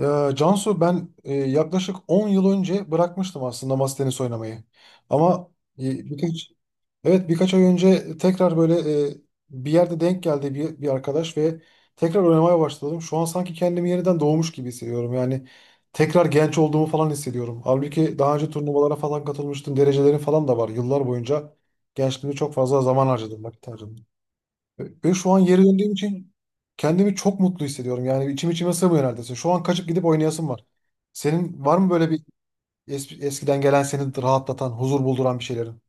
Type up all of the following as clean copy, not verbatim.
Ee, Cansu, ben yaklaşık 10 yıl önce bırakmıştım aslında masa tenisi oynamayı. Ama birkaç, evet, birkaç ay önce tekrar böyle, e, bir yerde denk geldi bir arkadaş ve tekrar oynamaya başladım. Şu an sanki kendimi yeniden doğmuş gibi hissediyorum. Yani tekrar genç olduğumu falan hissediyorum. Halbuki daha önce turnuvalara falan katılmıştım. Derecelerim falan da var. Yıllar boyunca gençliğimde çok fazla zaman harcadım, vakit harcadım. Ve şu an geri döndüğüm için kendimi çok mutlu hissediyorum. Yani içim içime sığmıyor neredeyse. Şu an kaçıp gidip oynayasım var. Senin var mı böyle bir eskiden gelen seni rahatlatan, huzur bulduran bir şeylerin?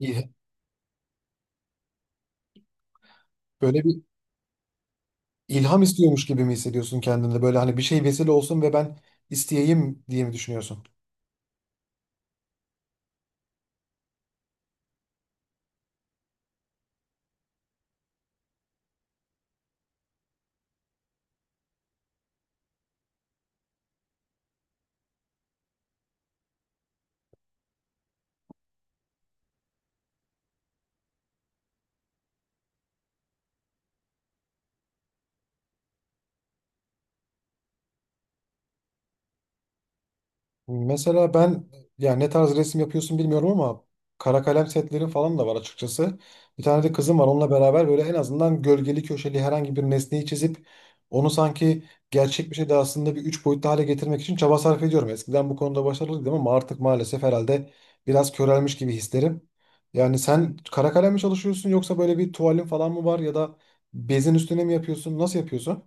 İl- Böyle bir ilham istiyormuş gibi mi hissediyorsun kendinde? Böyle hani bir şey vesile olsun ve ben isteyeyim diye mi düşünüyorsun? Mesela ben, yani ne tarz resim yapıyorsun bilmiyorum ama kara kalem setleri falan da var açıkçası. Bir tane de kızım var, onunla beraber böyle en azından gölgeli köşeli herhangi bir nesneyi çizip onu sanki gerçek bir şey de aslında bir üç boyutlu hale getirmek için çaba sarf ediyorum. Eskiden bu konuda başarılıydım ama artık maalesef herhalde biraz körelmiş gibi hislerim. Yani sen kara kalem mi çalışıyorsun, yoksa böyle bir tuvalin falan mı var ya da bezin üstüne mi yapıyorsun? Nasıl yapıyorsun?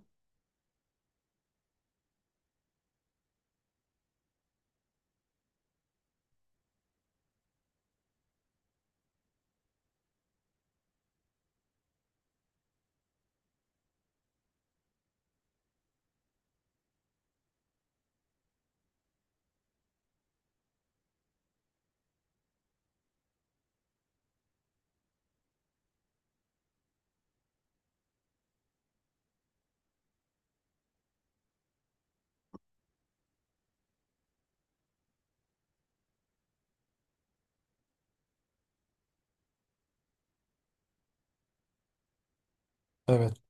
Evet.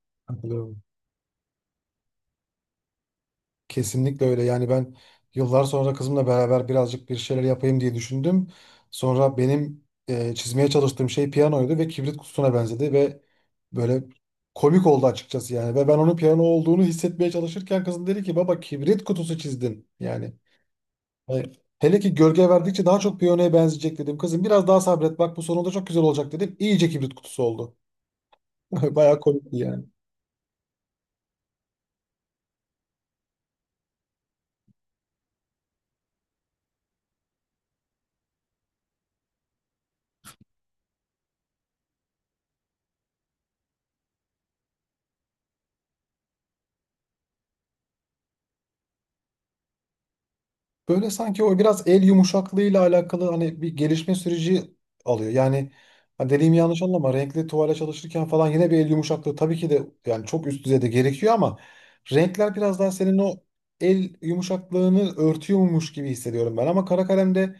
Kesinlikle öyle. Yani ben yıllar sonra kızımla beraber birazcık bir şeyler yapayım diye düşündüm. Sonra benim çizmeye çalıştığım şey piyanoydu ve kibrit kutusuna benzedi ve böyle komik oldu açıkçası yani. Ve ben onun piyano olduğunu hissetmeye çalışırken kızım dedi ki baba kibrit kutusu çizdin. Yani, e, hele ki gölge verdikçe daha çok piyanoya benzeyecek dedim. Kızım biraz daha sabret, bak bu sonunda çok güzel olacak dedim. İyice kibrit kutusu oldu. Bayağı komikti yani. Böyle sanki o biraz el yumuşaklığıyla alakalı hani bir gelişme süreci alıyor. Yani hani dediğimi yanlış anlama, renkli tuvale çalışırken falan yine bir el yumuşaklığı tabii ki de yani çok üst düzeyde gerekiyor ama renkler biraz daha senin o el yumuşaklığını örtüyormuş gibi hissediyorum ben. Ama kara kalemde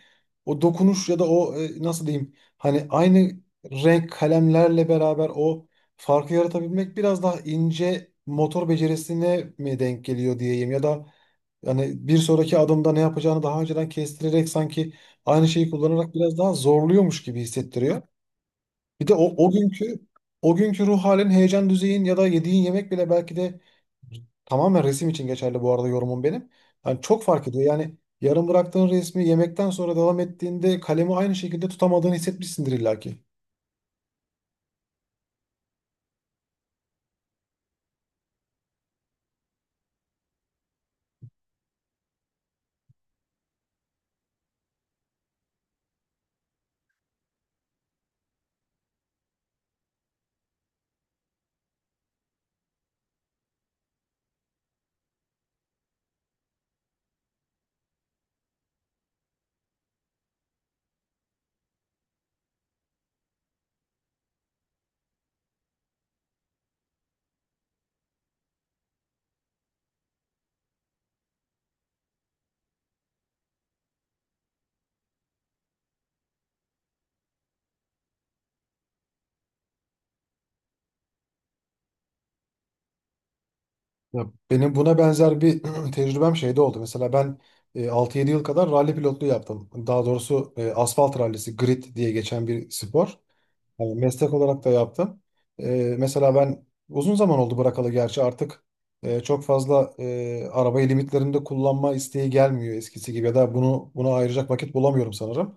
o dokunuş ya da o, nasıl diyeyim hani, aynı renk kalemlerle beraber o farkı yaratabilmek biraz daha ince motor becerisine mi denk geliyor diyeyim, ya da yani bir sonraki adımda ne yapacağını daha önceden kestirerek sanki aynı şeyi kullanarak biraz daha zorluyormuş gibi hissettiriyor. Bir de o günkü ruh halin, heyecan düzeyin ya da yediğin yemek bile belki de tamamen resim için geçerli bu arada yorumum benim. Yani çok fark ediyor. Yani yarım bıraktığın resmi yemekten sonra devam ettiğinde kalemi aynı şekilde tutamadığını hissetmişsindir illaki. Ya benim buna benzer bir tecrübem şeyde oldu. Mesela ben 6-7 yıl kadar ralli pilotluğu yaptım. Daha doğrusu asfalt rallisi, grid diye geçen bir spor. Yani meslek olarak da yaptım. Mesela ben uzun zaman oldu bırakalı gerçi artık çok fazla arabayı limitlerinde kullanma isteği gelmiyor eskisi gibi ya da bunu buna ayıracak vakit bulamıyorum sanırım.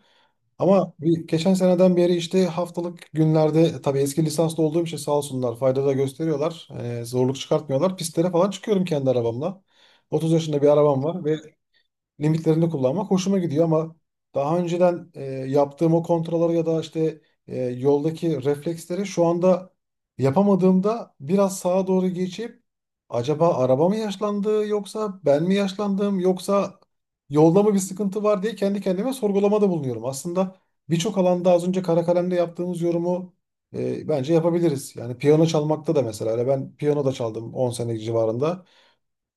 Ama geçen seneden beri işte haftalık günlerde, tabii eski lisanslı olduğum için sağ olsunlar fayda da gösteriyorlar. Zorluk çıkartmıyorlar. Pistlere falan çıkıyorum kendi arabamla. 30 yaşında bir arabam var ve limitlerini kullanmak hoşuma gidiyor ama daha önceden yaptığım o kontrolları ya da işte yoldaki refleksleri şu anda yapamadığımda biraz sağa doğru geçip acaba araba mı yaşlandı yoksa ben mi yaşlandım yoksa yolda mı bir sıkıntı var diye kendi kendime sorgulamada bulunuyorum. Aslında birçok alanda az önce kara kalemle yaptığımız yorumu, bence yapabiliriz. Yani piyano çalmakta da mesela öyle, ben piyano da çaldım 10 sene civarında.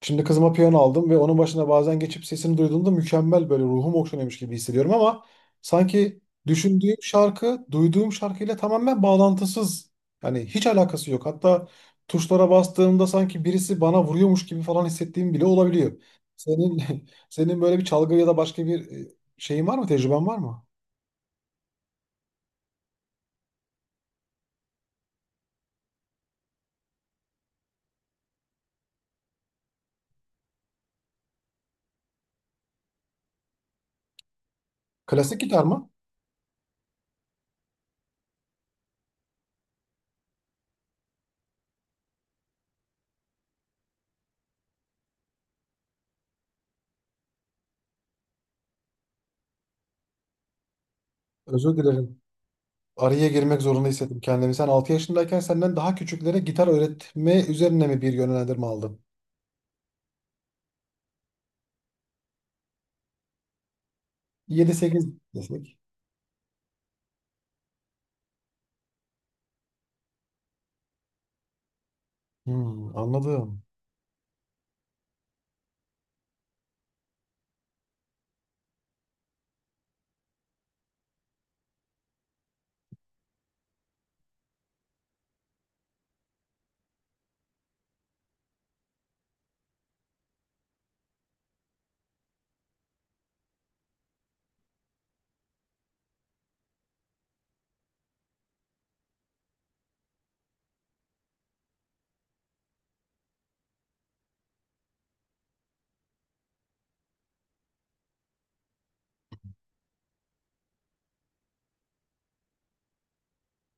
Şimdi kızıma piyano aldım ve onun başına bazen geçip sesini duyduğumda mükemmel, böyle ruhum okşanıyormuş gibi hissediyorum ama sanki düşündüğüm şarkı duyduğum şarkıyla tamamen bağlantısız. Yani hiç alakası yok. Hatta tuşlara bastığımda sanki birisi bana vuruyormuş gibi falan hissettiğim bile olabiliyor. Senin senin böyle bir çalgı ya da başka bir, şeyin var mı? Tecrüben var mı? Klasik gitar mı? Özür dilerim. Araya girmek zorunda hissettim kendimi. Sen 6 yaşındayken senden daha küçüklere gitar öğretme üzerine mi bir yönlendirme aldın? 7-8 desek. Hmm, anladım.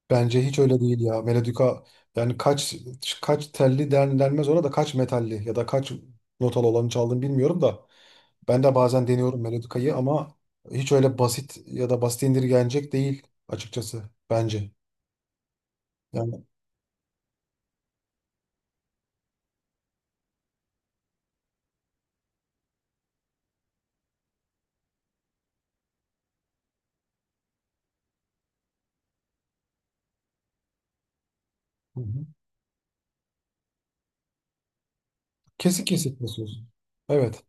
Bence hiç öyle değil ya. Melodika, yani kaç telli, denmez ona da, kaç metalli ya da kaç notalı olanı çaldığını bilmiyorum da. Ben de bazen deniyorum melodikayı ama hiç öyle basit ya da basit indirgenecek değil açıkçası bence. Yani, hı hı. Kesik kesik basıyorsun. Evet.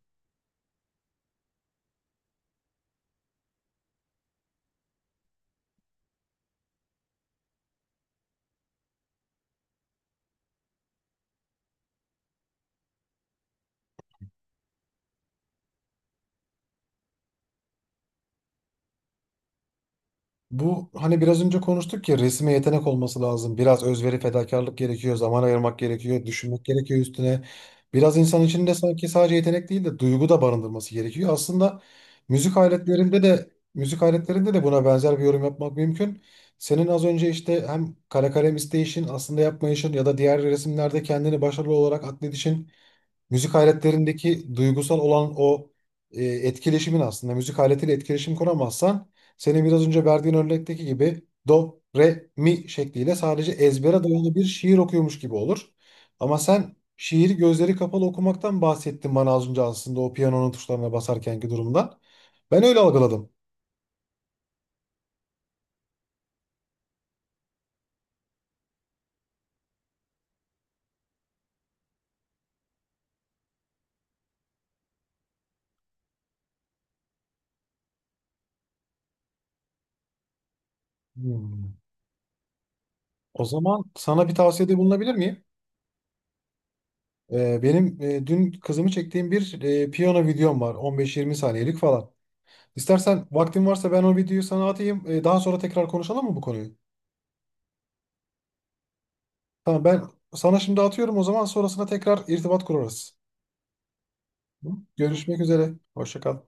Bu hani biraz önce konuştuk ya, resme yetenek olması lazım. Biraz özveri, fedakarlık gerekiyor, zaman ayırmak gerekiyor, düşünmek gerekiyor üstüne. Biraz insan içinde sanki sadece yetenek değil de duygu da barındırması gerekiyor. Aslında müzik aletlerinde de buna benzer bir yorum yapmak mümkün. Senin az önce işte hem kara kalem isteyişin, aslında yapmayışın ya da diğer resimlerde kendini başarılı olarak atfedişin, müzik aletlerindeki duygusal olan o, etkileşimin; aslında müzik aletiyle etkileşim kuramazsan senin biraz önce verdiğin örnekteki gibi do, re, mi şekliyle sadece ezbere dayalı bir şiir okuyormuş gibi olur. Ama sen şiiri gözleri kapalı okumaktan bahsettin bana az önce, aslında o piyanonun tuşlarına basarkenki durumdan. Ben öyle algıladım. Hmm. O zaman sana bir tavsiyede bulunabilir miyim? Benim dün kızımı çektiğim bir, piyano videom var. 15-20 saniyelik falan. İstersen vaktin varsa ben o videoyu sana atayım. Daha sonra tekrar konuşalım mı bu konuyu? Tamam, ben sana şimdi atıyorum o zaman, sonrasında tekrar irtibat kurarız. Hı? Görüşmek üzere. Hoşça kal.